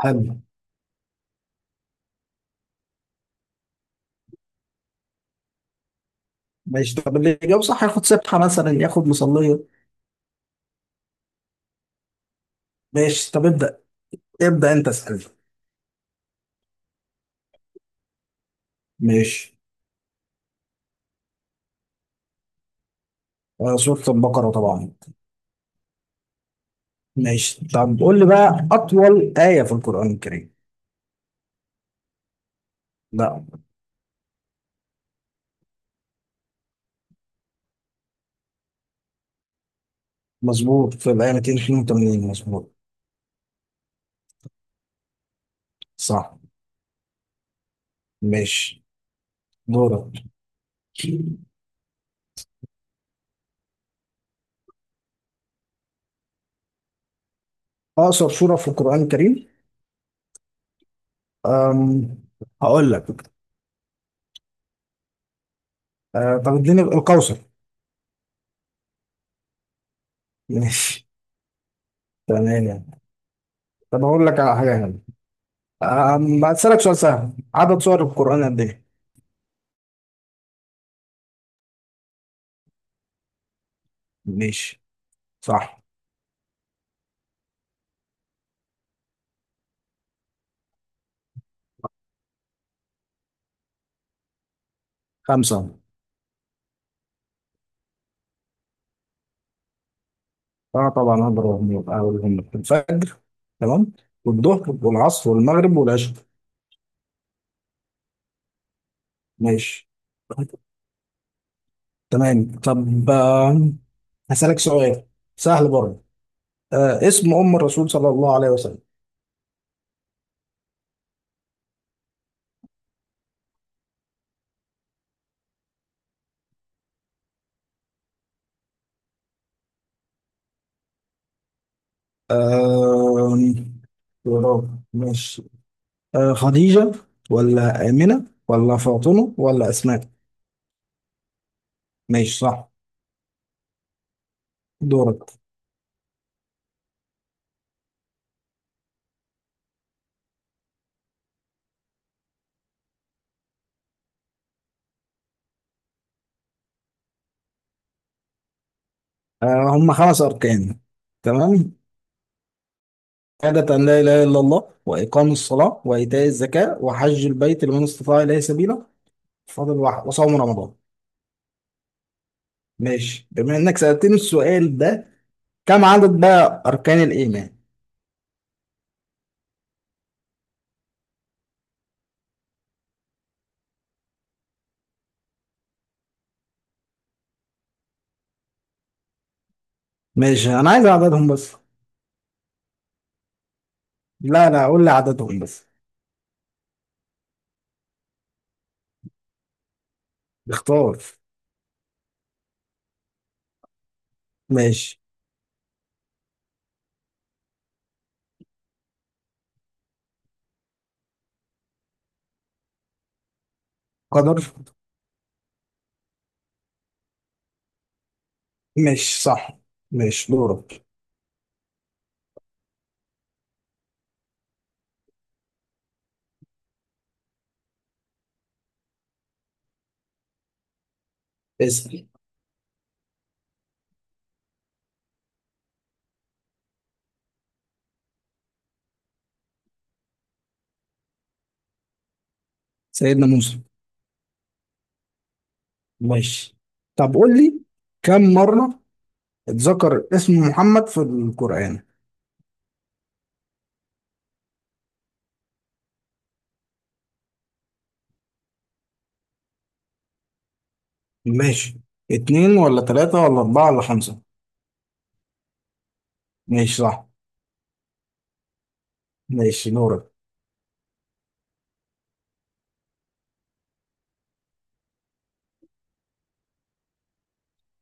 حلو. ماشي، طب اللي يجاوب صح ياخد سبحة مثلا، ياخد مصلية. ماشي، طب ابدأ. ابدأ انت، اسأل. ماشي. سورة البقرة طبعا. ماشي، طب قول لي بقى أطول آية في القرآن الكريم. لا، مظبوط، في الآية 282. مظبوط، صح. ماشي، دورك. أقصر سورة في القرآن الكريم؟ أم... هقول لك. أه، طب اديني الكوثر. ماشي، تمام يعني. طب هقول لك على حاجة هنا. هسألك سؤال سهل، عدد سور القرآن قد إيه؟ ماشي، صح. خمسة. اه طبعا اقدر اقولهم، أقولهم لك. الفجر. تمام، والظهر والعصر والمغرب والعشاء. ماشي، تمام. طب هسألك سؤال سهل برضه. آه، اسم ام الرسول صلى الله عليه وسلم؟ آه يا رب، ماشي. آه، خديجة ولا آمنة ولا فاطمة ولا أسماء؟ ماشي، صح. دورك. آه، هم خمس أركان. تمام. شهادة أن لا إله إلا الله، وإقام الصلاة، وإيتاء الزكاة، وحج البيت لمن استطاع إليه سبيلا. فاضل واحد، وصوم رمضان. ماشي، بما إنك سألتني السؤال ده، كم عدد بقى أركان الإيمان؟ ماشي، أنا عايز عددهم بس. لا لا، قول لي عددهم بس. اختار. ماشي. قدر. ماشي، صح. ماشي، دورك. اسأل. سيدنا موسى. ماشي، طب قول لي، كم مرة اتذكر اسم محمد في القرآن؟ ماشي، اتنين ولا تلاتة ولا أربعة ولا خمسة؟ ماشي، صح. ماشي، دورك.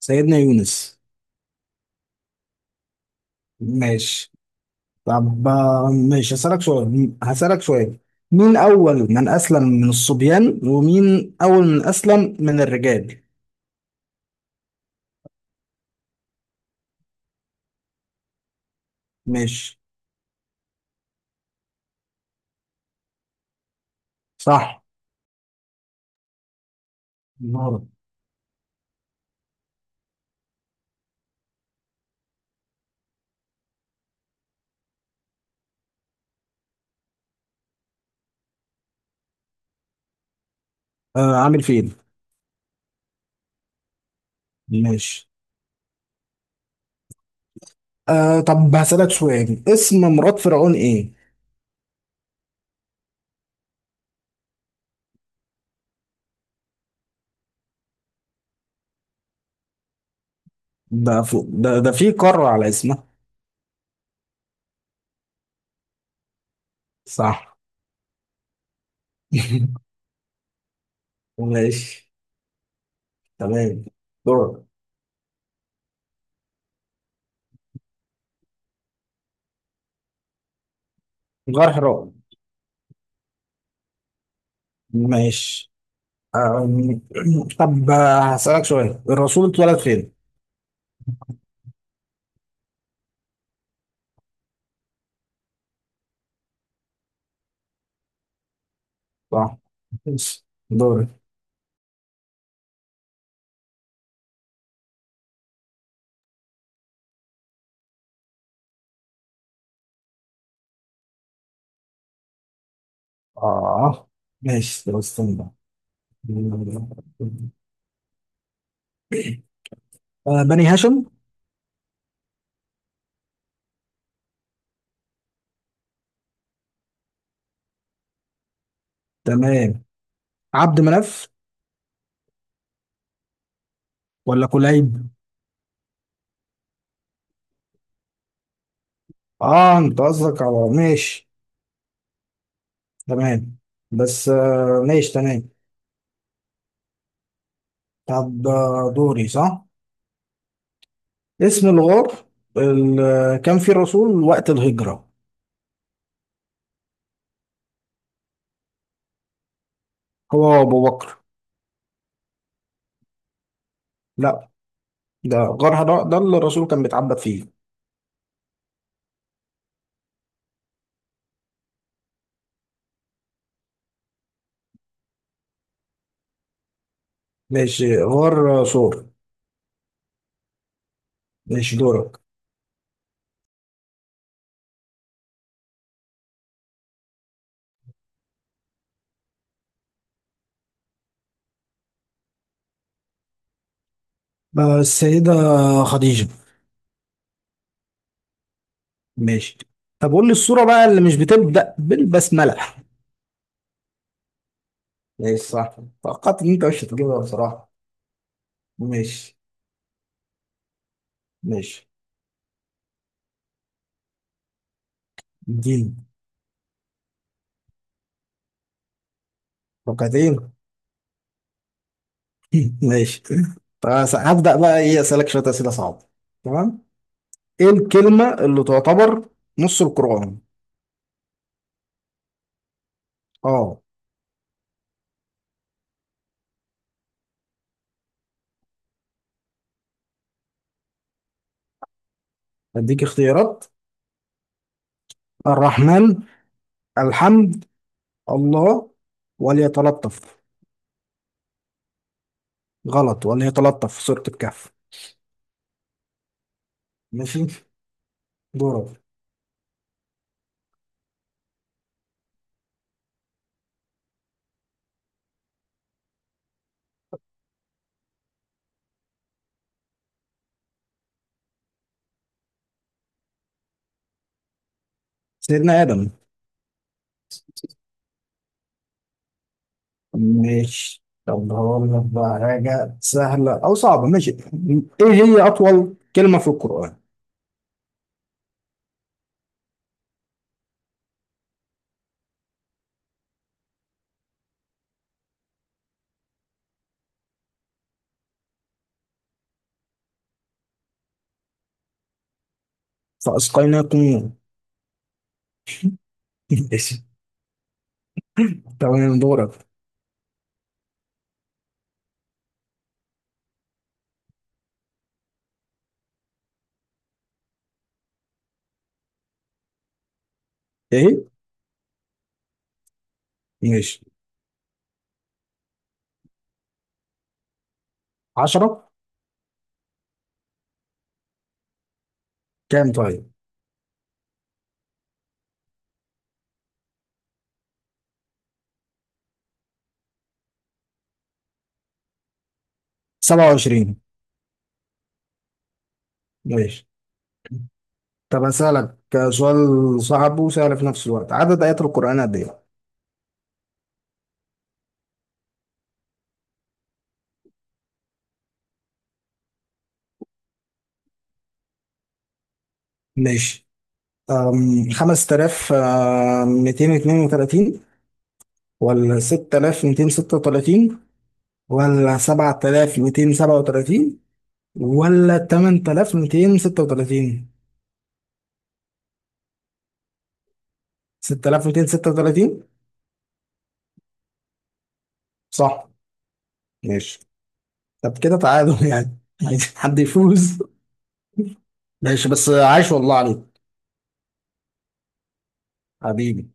سيدنا يونس. ماشي، طب ماشي، هسألك سؤال، مين أول من أسلم من الصبيان، ومين أول من أسلم من الرجال؟ ماشي، صح. دورك. آه، عامل فين؟ ماشي. طب هسألك سؤال، اسم مرات فرعون إيه؟ ده فوق ده، ده في قارة على اسمها. صح. ماشي، تمام، دورك. غار حراء. ماشي، أم، طب هسألك سؤال، الرسول اتولد فين؟ صح. ماشي، دوري. اه، ماشي، طب استنى بقى. بني هاشم. تمام، عبد مناف ولا كليب؟ اه انت قصدك على، ماشي، تمام. بس ماشي تمام. طب دوري صح؟ اسم الغار اللي كان فيه الرسول وقت الهجرة، هو أبو بكر. لا، ده غار حراء، ده اللي الرسول كان بيتعبد فيه. ماشي، غار صور. ماشي، دورك. السيدة خديجة. ماشي، طب قول لي الصورة بقى اللي مش بتبدأ بالبسملة. ماشي، صح. توقعت ان انت مش هتجيبها بصراحة. ماشي، ماشي. اديني. ركعتين. ماشي. طب هبدأ بقى ايه، اسألك شوية أسئلة صعبة. تمام، ايه الكلمة اللي تعتبر نص القرآن؟ اه، اديك اختيارات. الرحمن، الحمد، الله، وليتلطف. غلط، ولا هي تلطف في صورة الكهف. ماشي، دورك. سيدنا آدم. ماشي، طب هقول لك بقى حاجة سهلة أو صعبة. ماشي، إيه هي أطول كلمة في القرآن؟ فأسقيناكم. ماشي، تمام، دورك. إيه. ماشي. عشرة. كام طيب؟ سبعة وعشرين. ماشي، طب أسألك سؤال صعب وسهل في نفس الوقت، عدد آيات القرآن قد إيه؟ ماشي، أم، 5232 ولا 6236 ولا 7237 ولا 8236؟ 6236. صح. ماشي، طب كده تعادل يعني. عايز حد يفوز. ماشي، بس عايش والله عليك. حبيبي.